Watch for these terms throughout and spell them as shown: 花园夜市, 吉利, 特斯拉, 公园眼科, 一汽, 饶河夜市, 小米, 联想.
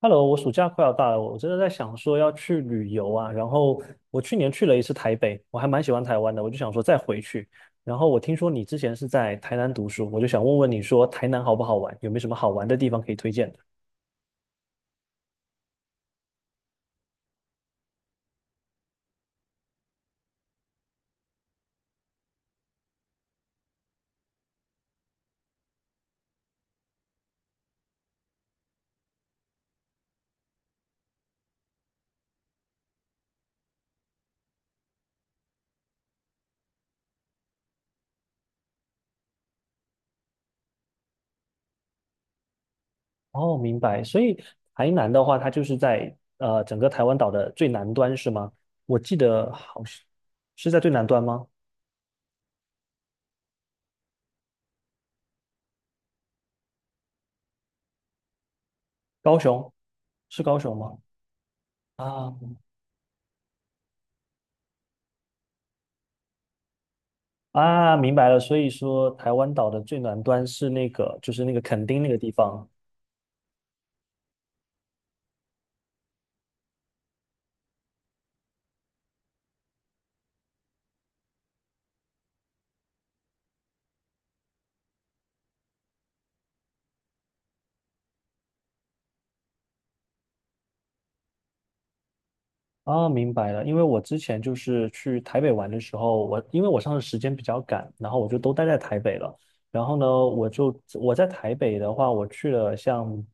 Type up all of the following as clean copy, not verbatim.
Hello，我暑假快要到了，我真的在想说要去旅游啊。然后我去年去了一次台北，我还蛮喜欢台湾的，我就想说再回去。然后我听说你之前是在台南读书，我就想问问你说台南好不好玩，有没有什么好玩的地方可以推荐的？哦，明白。所以台南的话，它就是在整个台湾岛的最南端是吗？我记得好像是在最南端吗？高雄是高雄吗？啊，啊，明白了。所以说，台湾岛的最南端是那个，就是那个垦丁那个地方。啊，明白了。因为我之前就是去台北玩的时候，我因为我上次时间比较赶，然后我就都待在台北了。然后呢，我在台北的话，我去了像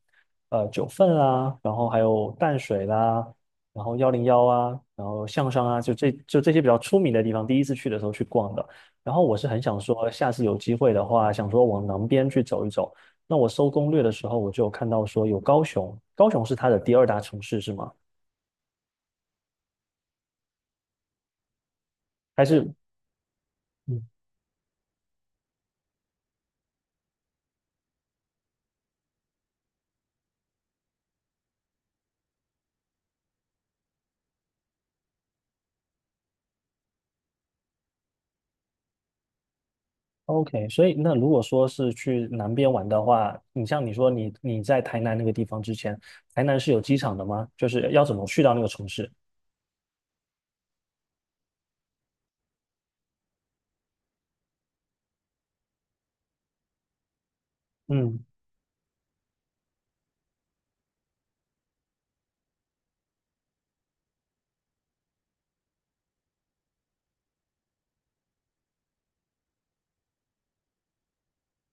九份啊，然后还有淡水啦，然后101啊，然后象山啊，就这些比较出名的地方，第一次去的时候去逛的。然后我是很想说，下次有机会的话，想说往南边去走一走。那我搜攻略的时候，我就有看到说有高雄，高雄是它的第二大城市是吗？还是？嗯？OK，所以那如果说是去南边玩的话，你像你说你在台南那个地方之前，台南是有机场的吗？就是要怎么去到那个城市？嗯，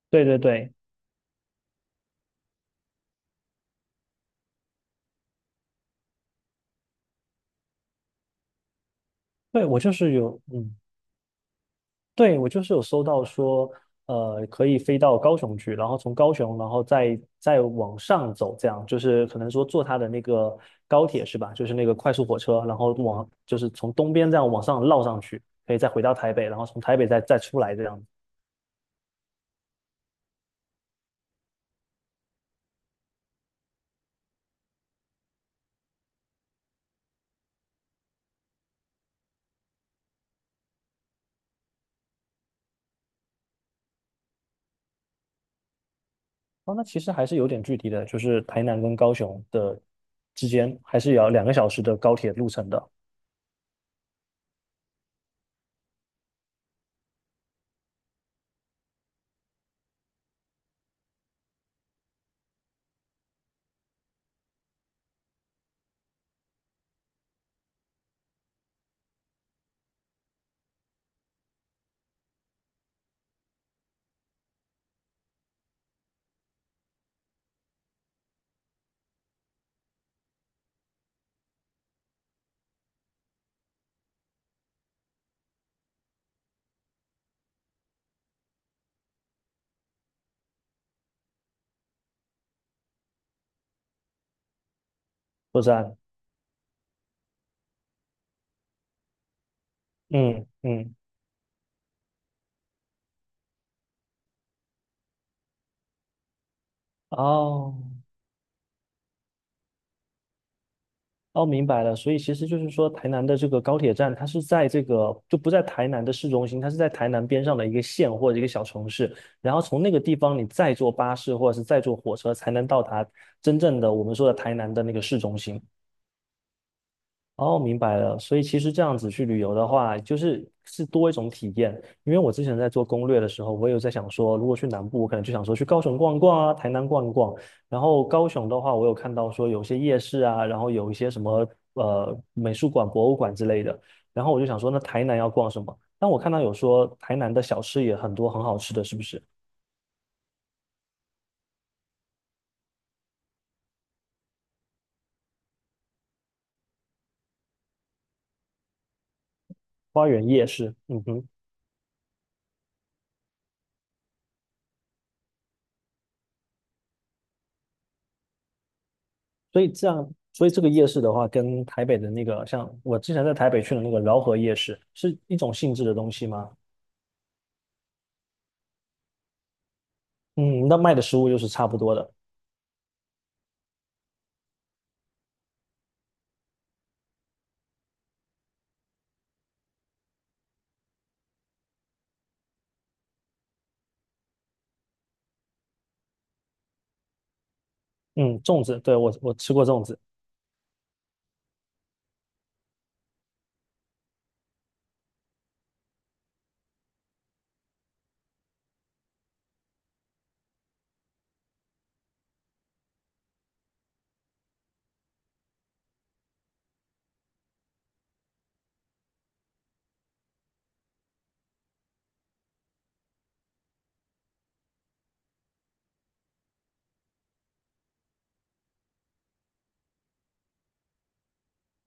对对对，对我就是有，嗯，对我就是有搜到说，可以飞到高雄去，然后从高雄，然后再往上走，这样就是可能说坐它的那个高铁是吧？就是那个快速火车，然后往就是从东边这样往上绕上去，可以再回到台北，然后从台北再出来这样。哦，那其实还是有点距离的，就是台南跟高雄的之间，还是有2个小时的高铁路程的车站。嗯嗯，哦哦，明白了。所以其实就是说，台南的这个高铁站，它是在这个就不在台南的市中心，它是在台南边上的一个县或者一个小城市。然后从那个地方，你再坐巴士或者是再坐火车，才能到达真正的我们说的台南的那个市中心。哦，明白了。所以其实这样子去旅游的话，就是是多一种体验。因为我之前在做攻略的时候，我有在想说，如果去南部，我可能就想说去高雄逛一逛啊，台南逛一逛。然后高雄的话，我有看到说有些夜市啊，然后有一些什么美术馆、博物馆之类的。然后我就想说，那台南要逛什么？但我看到有说台南的小吃也很多，很好吃的，是不是？花园夜市，嗯哼。所以这样，所以这个夜市的话，跟台北的那个，像我之前在台北去的那个饶河夜市，是一种性质的东西吗？嗯，那卖的食物又是差不多的。嗯，粽子，对，我吃过粽子。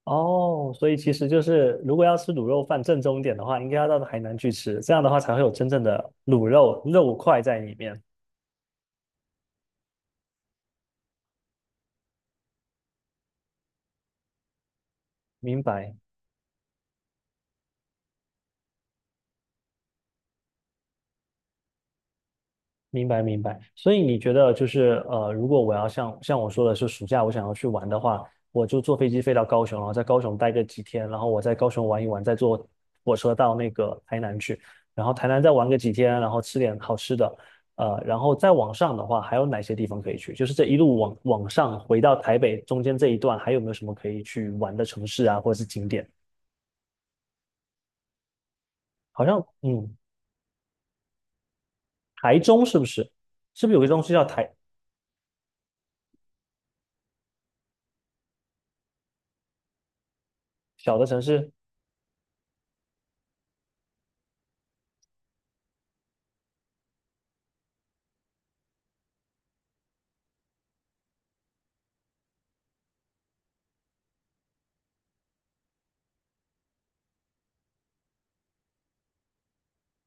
哦，所以其实就是，如果要吃卤肉饭正宗一点的话，应该要到海南去吃，这样的话才会有真正的卤肉肉块在里面。明白。明白明白，所以你觉得就是呃，如果我要像我说的是暑假我想要去玩的话，我就坐飞机飞到高雄，然后在高雄待个几天，然后我在高雄玩一玩，再坐火车到那个台南去，然后台南再玩个几天，然后吃点好吃的，然后再往上的话，还有哪些地方可以去？就是这一路往上回到台北中间这一段，还有没有什么可以去玩的城市啊，或者是景点？好像嗯，台中是不是？是不是有个东西叫台？小的城市？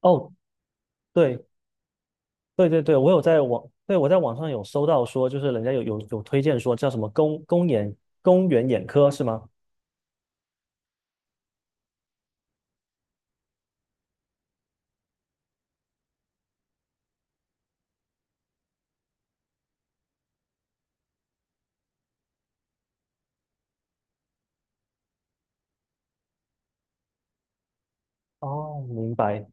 哦。对，对对对，我有在网，对，我在网上有搜到说，就是人家有推荐说叫什么公园眼科是吗？哦，明白。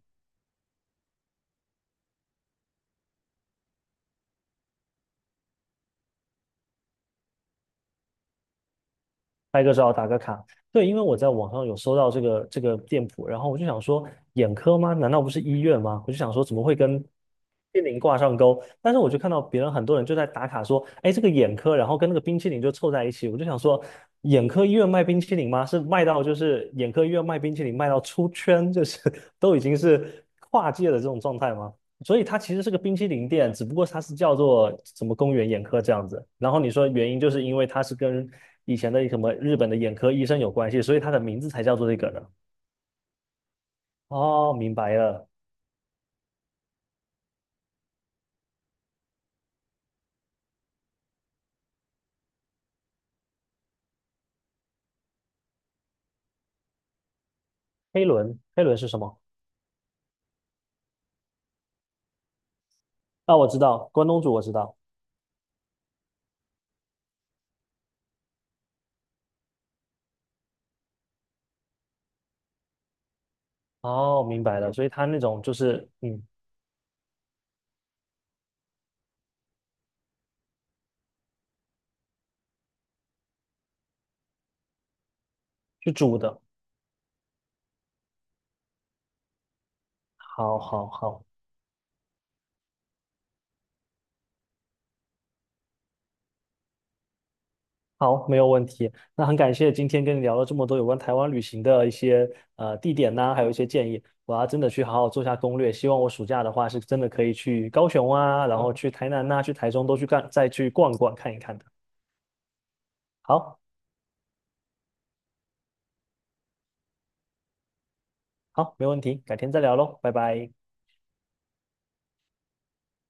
拍个照打个卡。对，因为我在网上有搜到这个店铺，然后我就想说，眼科吗？难道不是医院吗？我就想说，怎么会跟冰淇淋挂上钩？但是我就看到别人很多人就在打卡说，哎，这个眼科，然后跟那个冰淇淋就凑在一起。我就想说，眼科医院卖冰淇淋吗？是卖到就是眼科医院卖冰淇淋卖到出圈，就是 都已经是跨界的这种状态吗？所以它其实是个冰淇淋店，只不过它是叫做什么公园眼科这样子。然后你说原因就是因为它是跟以前的什么日本的眼科医生有关系，所以它的名字才叫做这个的。哦，明白了。黑轮，黑轮是什么？啊，我知道，关东煮我知道。哦，明白了。所以它那种就是嗯，去煮的。好，好，好。好，没有问题。那很感谢今天跟你聊了这么多有关台湾旅行的一些地点呐、还有一些建议。我要真的去好好做下攻略。希望我暑假的话是真的可以去高雄啊，然后去台南呐、去台中都去干，再去逛一逛看一看的。好，好，没问题，改天再聊喽，拜拜。